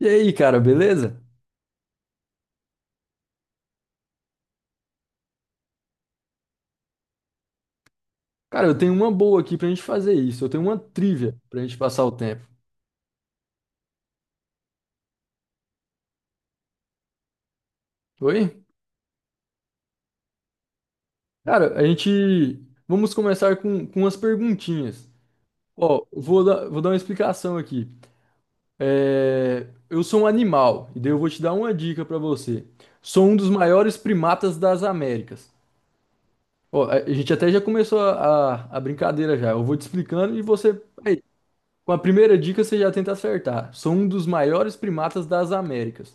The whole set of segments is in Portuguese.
E aí, cara, beleza? Cara, eu tenho uma boa aqui pra gente fazer isso. Eu tenho uma trivia pra gente passar o tempo. Oi? Cara, a gente. Vamos começar com umas perguntinhas. Ó, vou dar uma explicação aqui. É, eu sou um animal, e daí eu vou te dar uma dica pra você. Sou um dos maiores primatas das Américas. Ó, a gente até já começou a brincadeira já. Eu vou te explicando e você, aí, com a primeira dica você já tenta acertar. Sou um dos maiores primatas das Américas.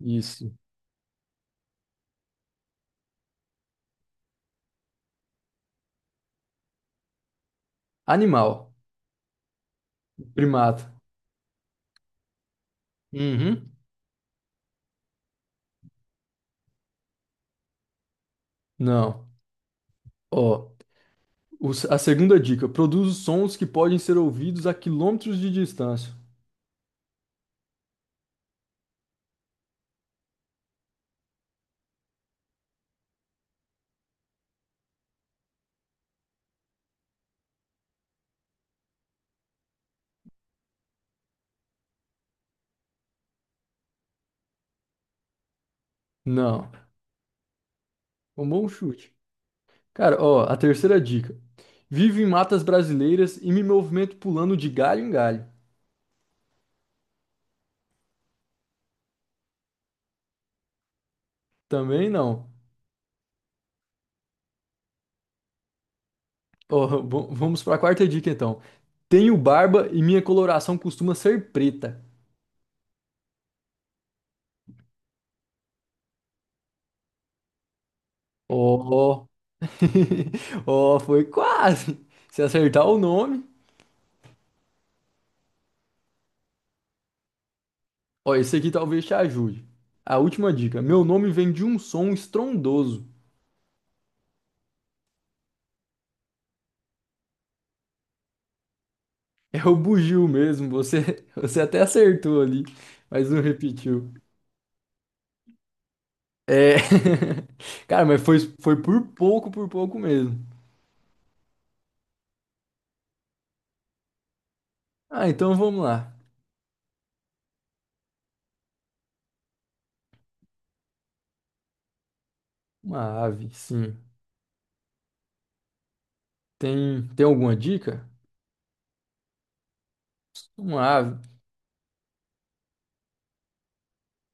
Isso. Animal. Primata. Uhum. Não. Ó, o a segunda dica. Produz sons que podem ser ouvidos a quilômetros de distância. Não. Um bom chute. Cara, ó, a terceira dica. Vivo em matas brasileiras e me movimento pulando de galho em galho. Também não. Ó, vamos para a quarta dica então. Tenho barba e minha coloração costuma ser preta. Ó, ó, foi quase. Se acertar o nome. Ó, esse aqui talvez te ajude. A última dica. Meu nome vem de um som estrondoso. É o bugio mesmo. Você, você até acertou ali, mas não repetiu. É. Cara, mas foi por pouco mesmo. Ah, então vamos lá. Uma ave, sim. Tem alguma dica? Uma ave.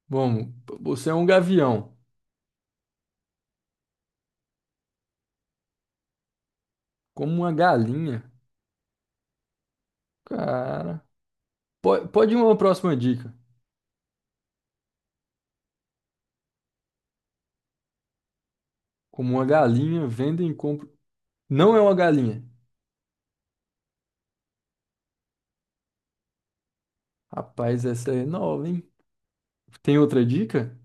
Vamos, você é um gavião. Como uma galinha. Cara. Pode ir uma próxima dica. Como uma galinha, vendem e compram. Não é uma galinha. Rapaz, essa é nova, hein? Tem outra dica?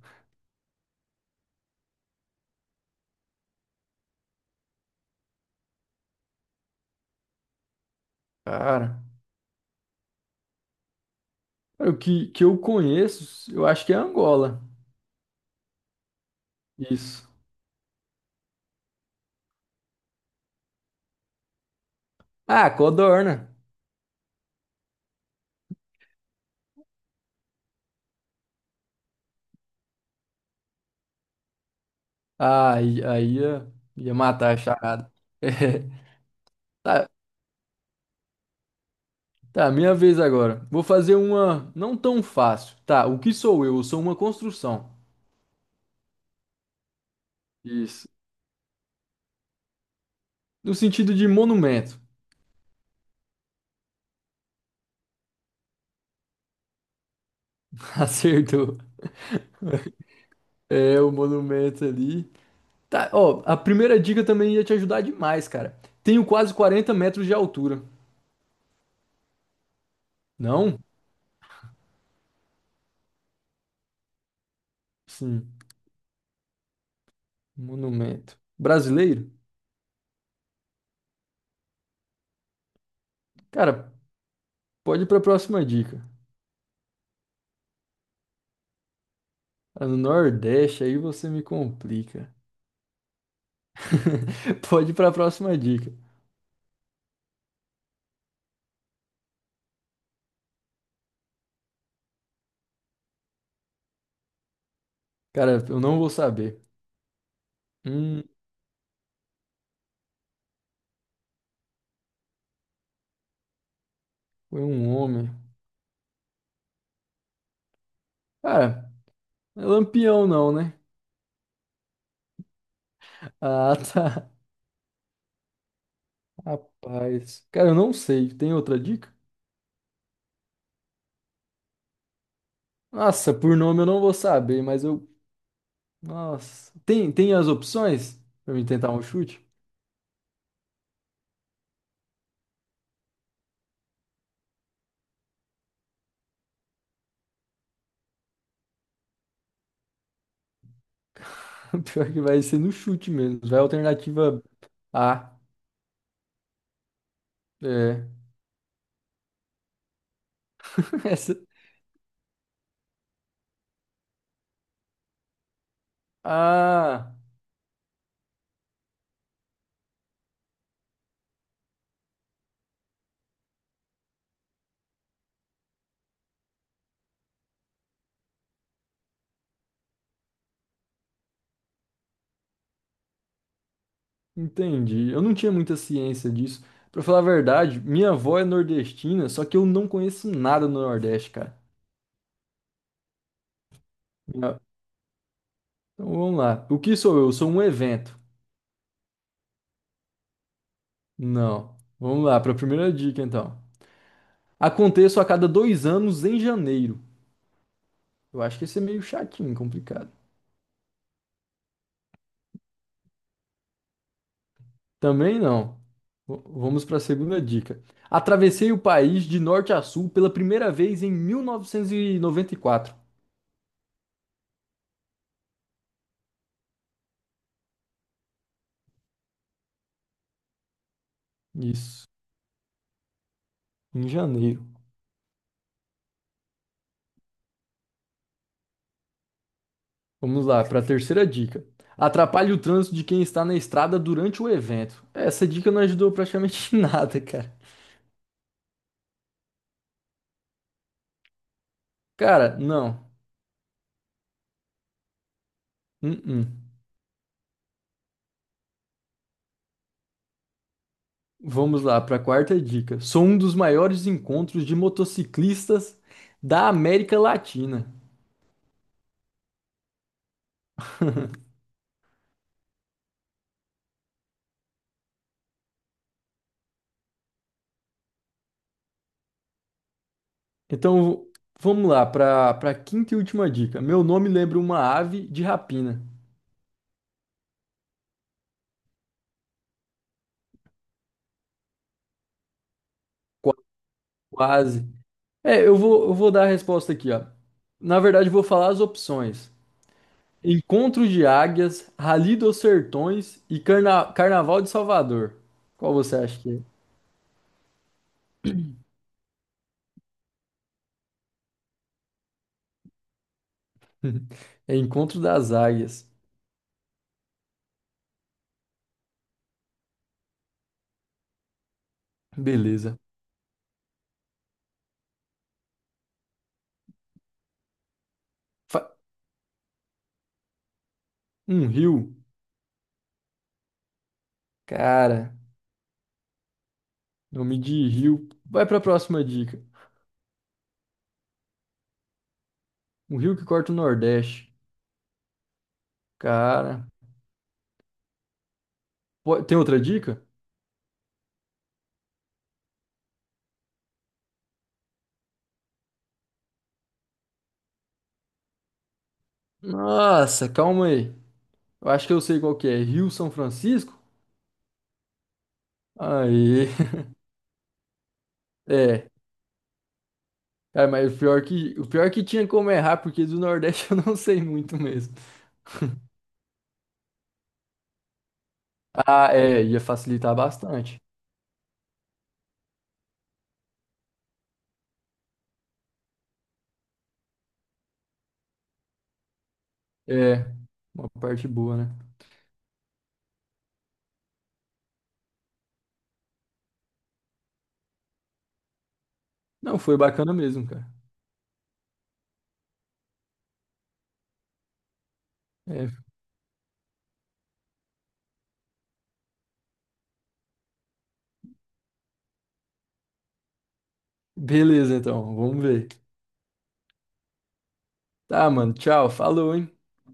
Cara, cara, o que, que eu conheço, eu acho que é Angola. Isso. Ah, codorna. Ah, aí ia matar a charada. É, tá, tá, minha vez agora. Vou fazer uma não tão fácil. Tá, o que sou eu? Eu sou uma construção. Isso. No sentido de monumento. Acertou. É, o monumento ali. Tá, ó, a primeira dica também ia te ajudar demais, cara. Tenho quase 40 metros de altura. Não? Sim, monumento. Brasileiro? Cara, pode ir para a próxima dica. Ah, no Nordeste aí você me complica. Pode ir para a próxima dica. Cara, eu não vou saber. Hum, foi um homem. Cara, não é Lampião não, né? Ah, tá. Rapaz. Cara, eu não sei. Tem outra dica? Nossa, por nome eu não vou saber, mas eu. Nossa. Tem as opções para mim tentar um chute? Pior que vai ser no chute mesmo. Vai alternativa A. É. Essa- Ah, entendi. Eu não tinha muita ciência disso. Pra falar a verdade, minha avó é nordestina, só que eu não conheço nada no Nordeste, cara. Minha- Então vamos lá. O que sou eu? Eu sou um evento. Não. Vamos lá, pra primeira dica então. Aconteço a cada 2 anos em janeiro. Eu acho que esse é meio chatinho, complicado. Também não. Vamos pra segunda dica. Atravessei o país de norte a sul pela primeira vez em 1994. Isso, em janeiro. Vamos lá, para a terceira dica. Atrapalhe o trânsito de quem está na estrada durante o evento. Essa dica não ajudou praticamente em nada, cara. Cara, não. Uh-uh. Vamos lá, para a quarta dica. Sou um dos maiores encontros de motociclistas da América Latina. Então, vamos lá, para a quinta e última dica. Meu nome lembra uma ave de rapina. Qua- Quase. É, eu vou dar a resposta aqui, ó. Na verdade, eu vou falar as opções. Encontro de Águias, Rally dos Sertões e Carnaval de Salvador. Qual você acha que é? É Encontro das Águias. Beleza. Fa- Um rio? Cara, nome de rio. Vai pra próxima dica. Um rio que corta o Nordeste. Cara. Tem outra dica? Nossa, calma aí. Eu acho que eu sei qual que é. Rio São Francisco? Aí. É. Cara, mas o pior que tinha como errar, porque do Nordeste eu não sei muito mesmo. Ah, é, ia facilitar bastante. É, uma parte boa, né? Não, foi bacana mesmo, cara. É, beleza, então, vamos ver. Tá, mano, tchau, falou, hein?